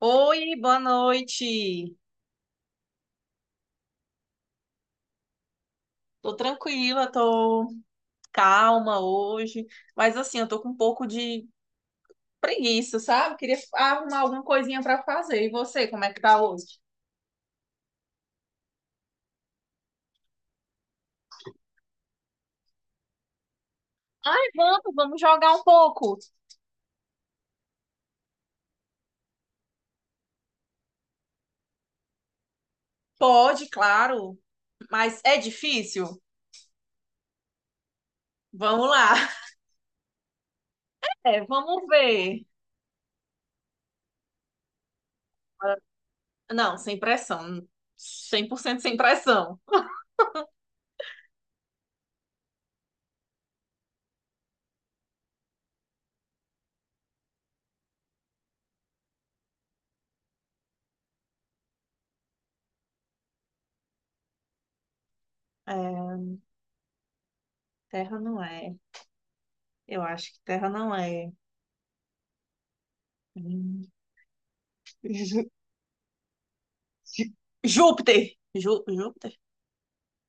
Oi, boa noite. Tô tranquila, tô calma hoje, mas assim, eu tô com um pouco de preguiça, sabe? Queria arrumar alguma coisinha pra fazer. E você, como é que tá hoje? Ai, vamos jogar um pouco. Pode, claro, mas é difícil? Vamos lá. É, vamos ver. Não, sem pressão. 100% sem pressão. É, terra não é. Eu acho que terra não é. Hum, Júpiter. Júpiter?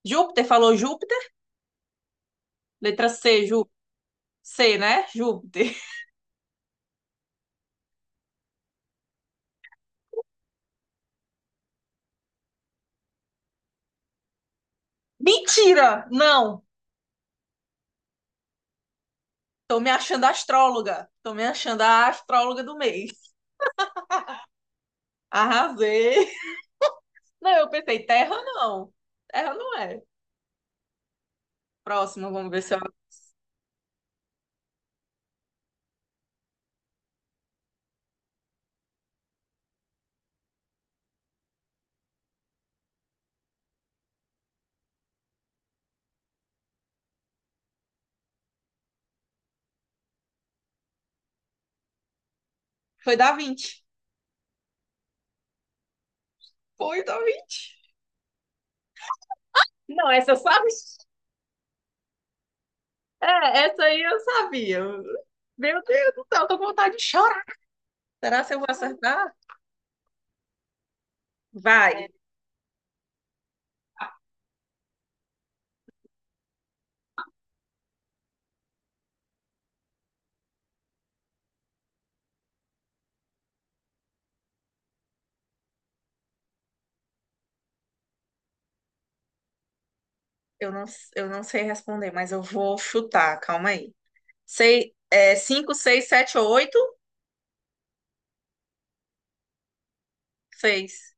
Júpiter falou Júpiter? Letra C, Jú... C, né? Júpiter. Mentira! Não! Tô me achando astróloga. Tô me achando a astróloga do mês. Arrasei. Não, eu pensei, Terra não. Terra não é. Próxima vamos ver se eu... Foi da 20. Foi da 20. Não, essa eu sabia. É, essa aí eu sabia. Meu Deus do céu, tô com vontade de chorar. Será que eu vou acertar? Vai. Eu não, eu não sei responder, mas eu vou chutar. Calma aí. Sei, é, cinco, seis, sete ou oito? Seis.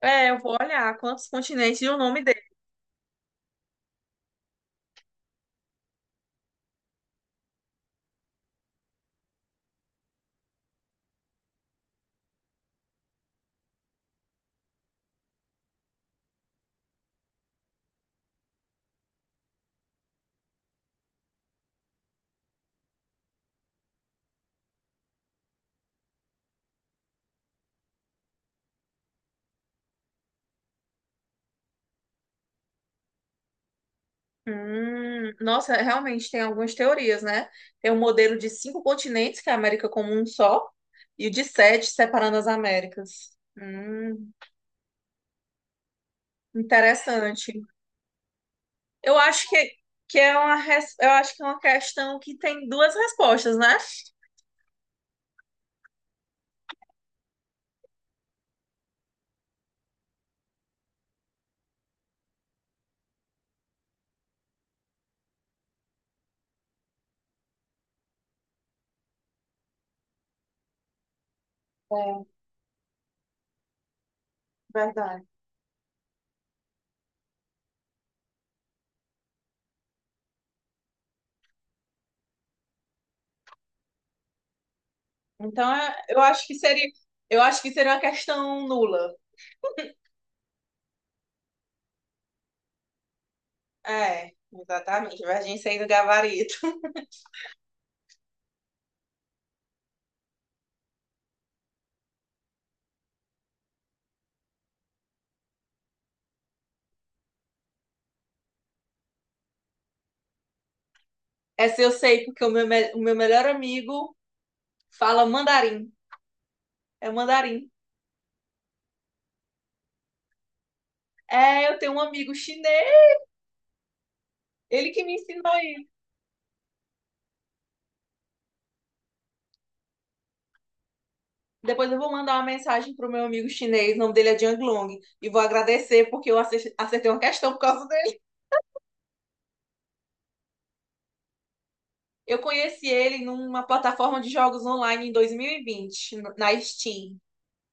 É, eu vou olhar quantos continentes e o nome dele. Nossa, realmente tem algumas teorias, né? Tem um modelo de cinco continentes, que é a América como um só, e o de sete, separando as Américas. Hum, interessante. Eu acho que é uma, eu acho que é uma questão que tem duas respostas, né? É, verdade. Então, é- eu acho que seria, eu acho que seria uma questão nula. É, exatamente. Divergência aí do gabarito. Essa eu sei, porque o meu melhor amigo fala mandarim. É mandarim. É, eu tenho um amigo chinês, ele que me ensinou isso. Depois eu vou mandar uma mensagem pro meu amigo chinês, o nome dele é Jiang Long, e vou agradecer porque eu acertei uma questão por causa dele. Eu conheci ele numa plataforma de jogos online em 2020, na Steam.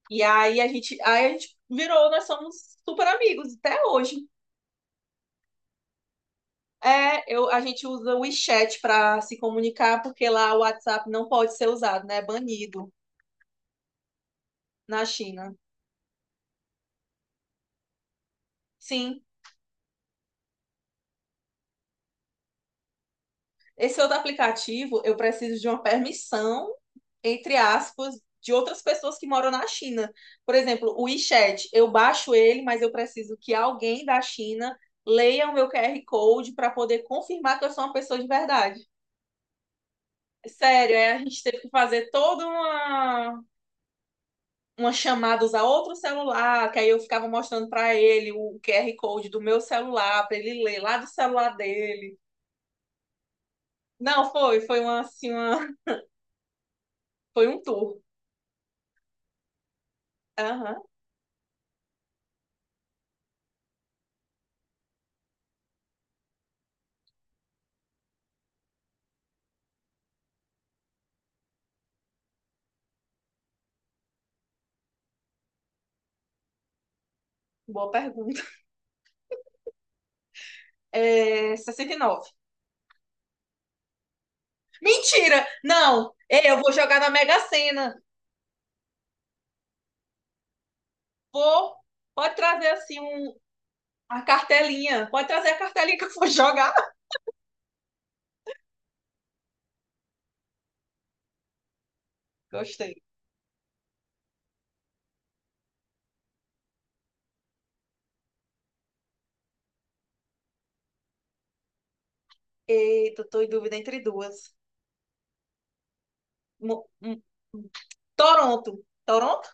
E aí a gente virou, nós somos super amigos até hoje. É, eu, a gente usa o WeChat para se comunicar, porque lá o WhatsApp não pode ser usado, né? É banido na China. Sim, esse outro aplicativo, eu preciso de uma permissão, entre aspas, de outras pessoas que moram na China. Por exemplo, o WeChat, eu baixo ele, mas eu preciso que alguém da China leia o meu QR Code para poder confirmar que eu sou uma pessoa de verdade. Sério, é, a gente teve que fazer toda umas chamadas a outro celular, que aí eu ficava mostrando para ele o QR Code do meu celular, para ele ler lá do celular dele. Não, foi uma, assim, uma, foi um tour. Aham, boa pergunta. É, 69. Mentira! Não, eu vou jogar na Mega Sena. Vou, pode trazer assim um, a cartelinha. Pode trazer a cartelinha que eu vou jogar. Gostei. Eita, tô em dúvida entre duas. Mo- hum, hum. Toronto. Toronto?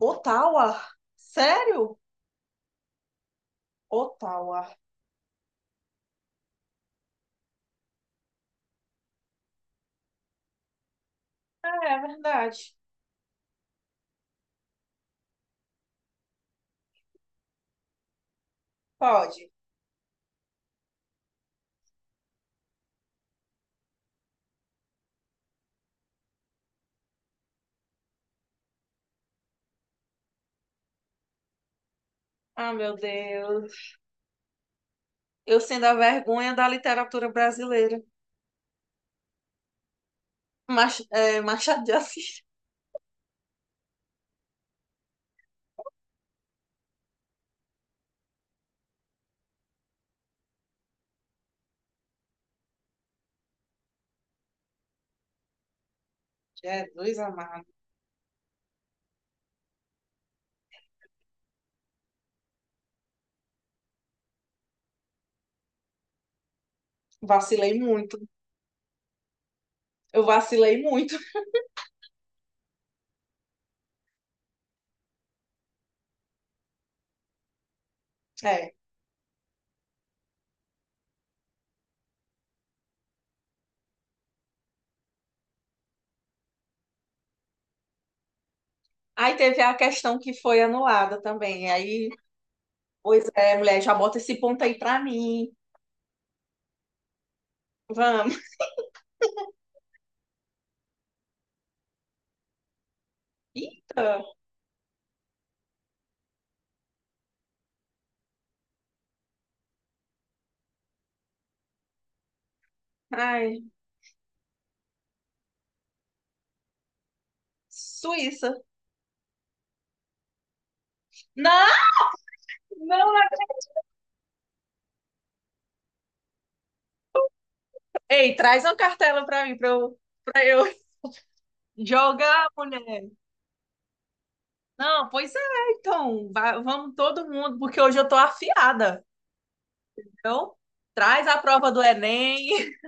Ottawa? Sério? Ottawa. Ah, é verdade. Pode. Ah, meu Deus. Eu sendo a vergonha da literatura brasileira. Machado de Assis. Jesus amado. Vacilei muito. Eu vacilei muito. É. Aí teve a questão que foi anulada também. Aí, pois é, mulher, já bota esse ponto aí pra mim. Vamos. Eita. Ai. Suíça. Não, não. Não. Ei, traz uma cartela pra mim, pra eu jogar, mulher. Não, pois é, então, vamos todo mundo, porque hoje eu tô afiada, então traz a prova do Enem.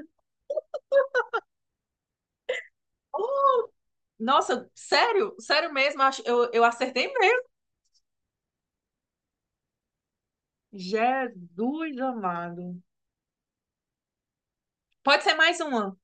Nossa, sério, sério mesmo, eu acertei mesmo. Jesus amado. Pode ser mais uma,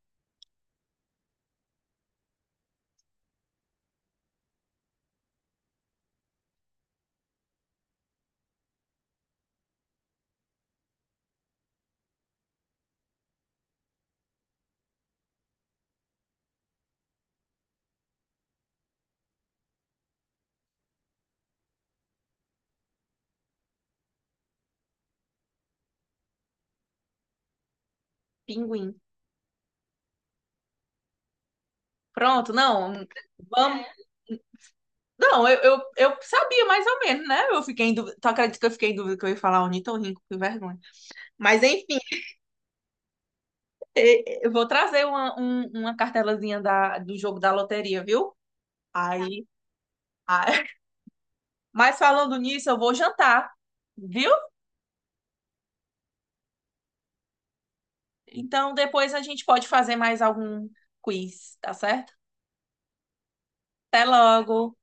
pinguim. Pronto, não, vamos. Não, eu sabia mais ou menos, né? Eu fiquei em dúvida, tu acredita que eu fiquei em dúvida que eu ia falar ornitorrinco, que vergonha. Mas enfim, eu vou trazer uma cartelazinha do jogo da loteria, viu? Aí. Mas falando nisso, eu vou jantar, viu? Então depois a gente pode fazer mais algum quiz, tá certo? Até logo!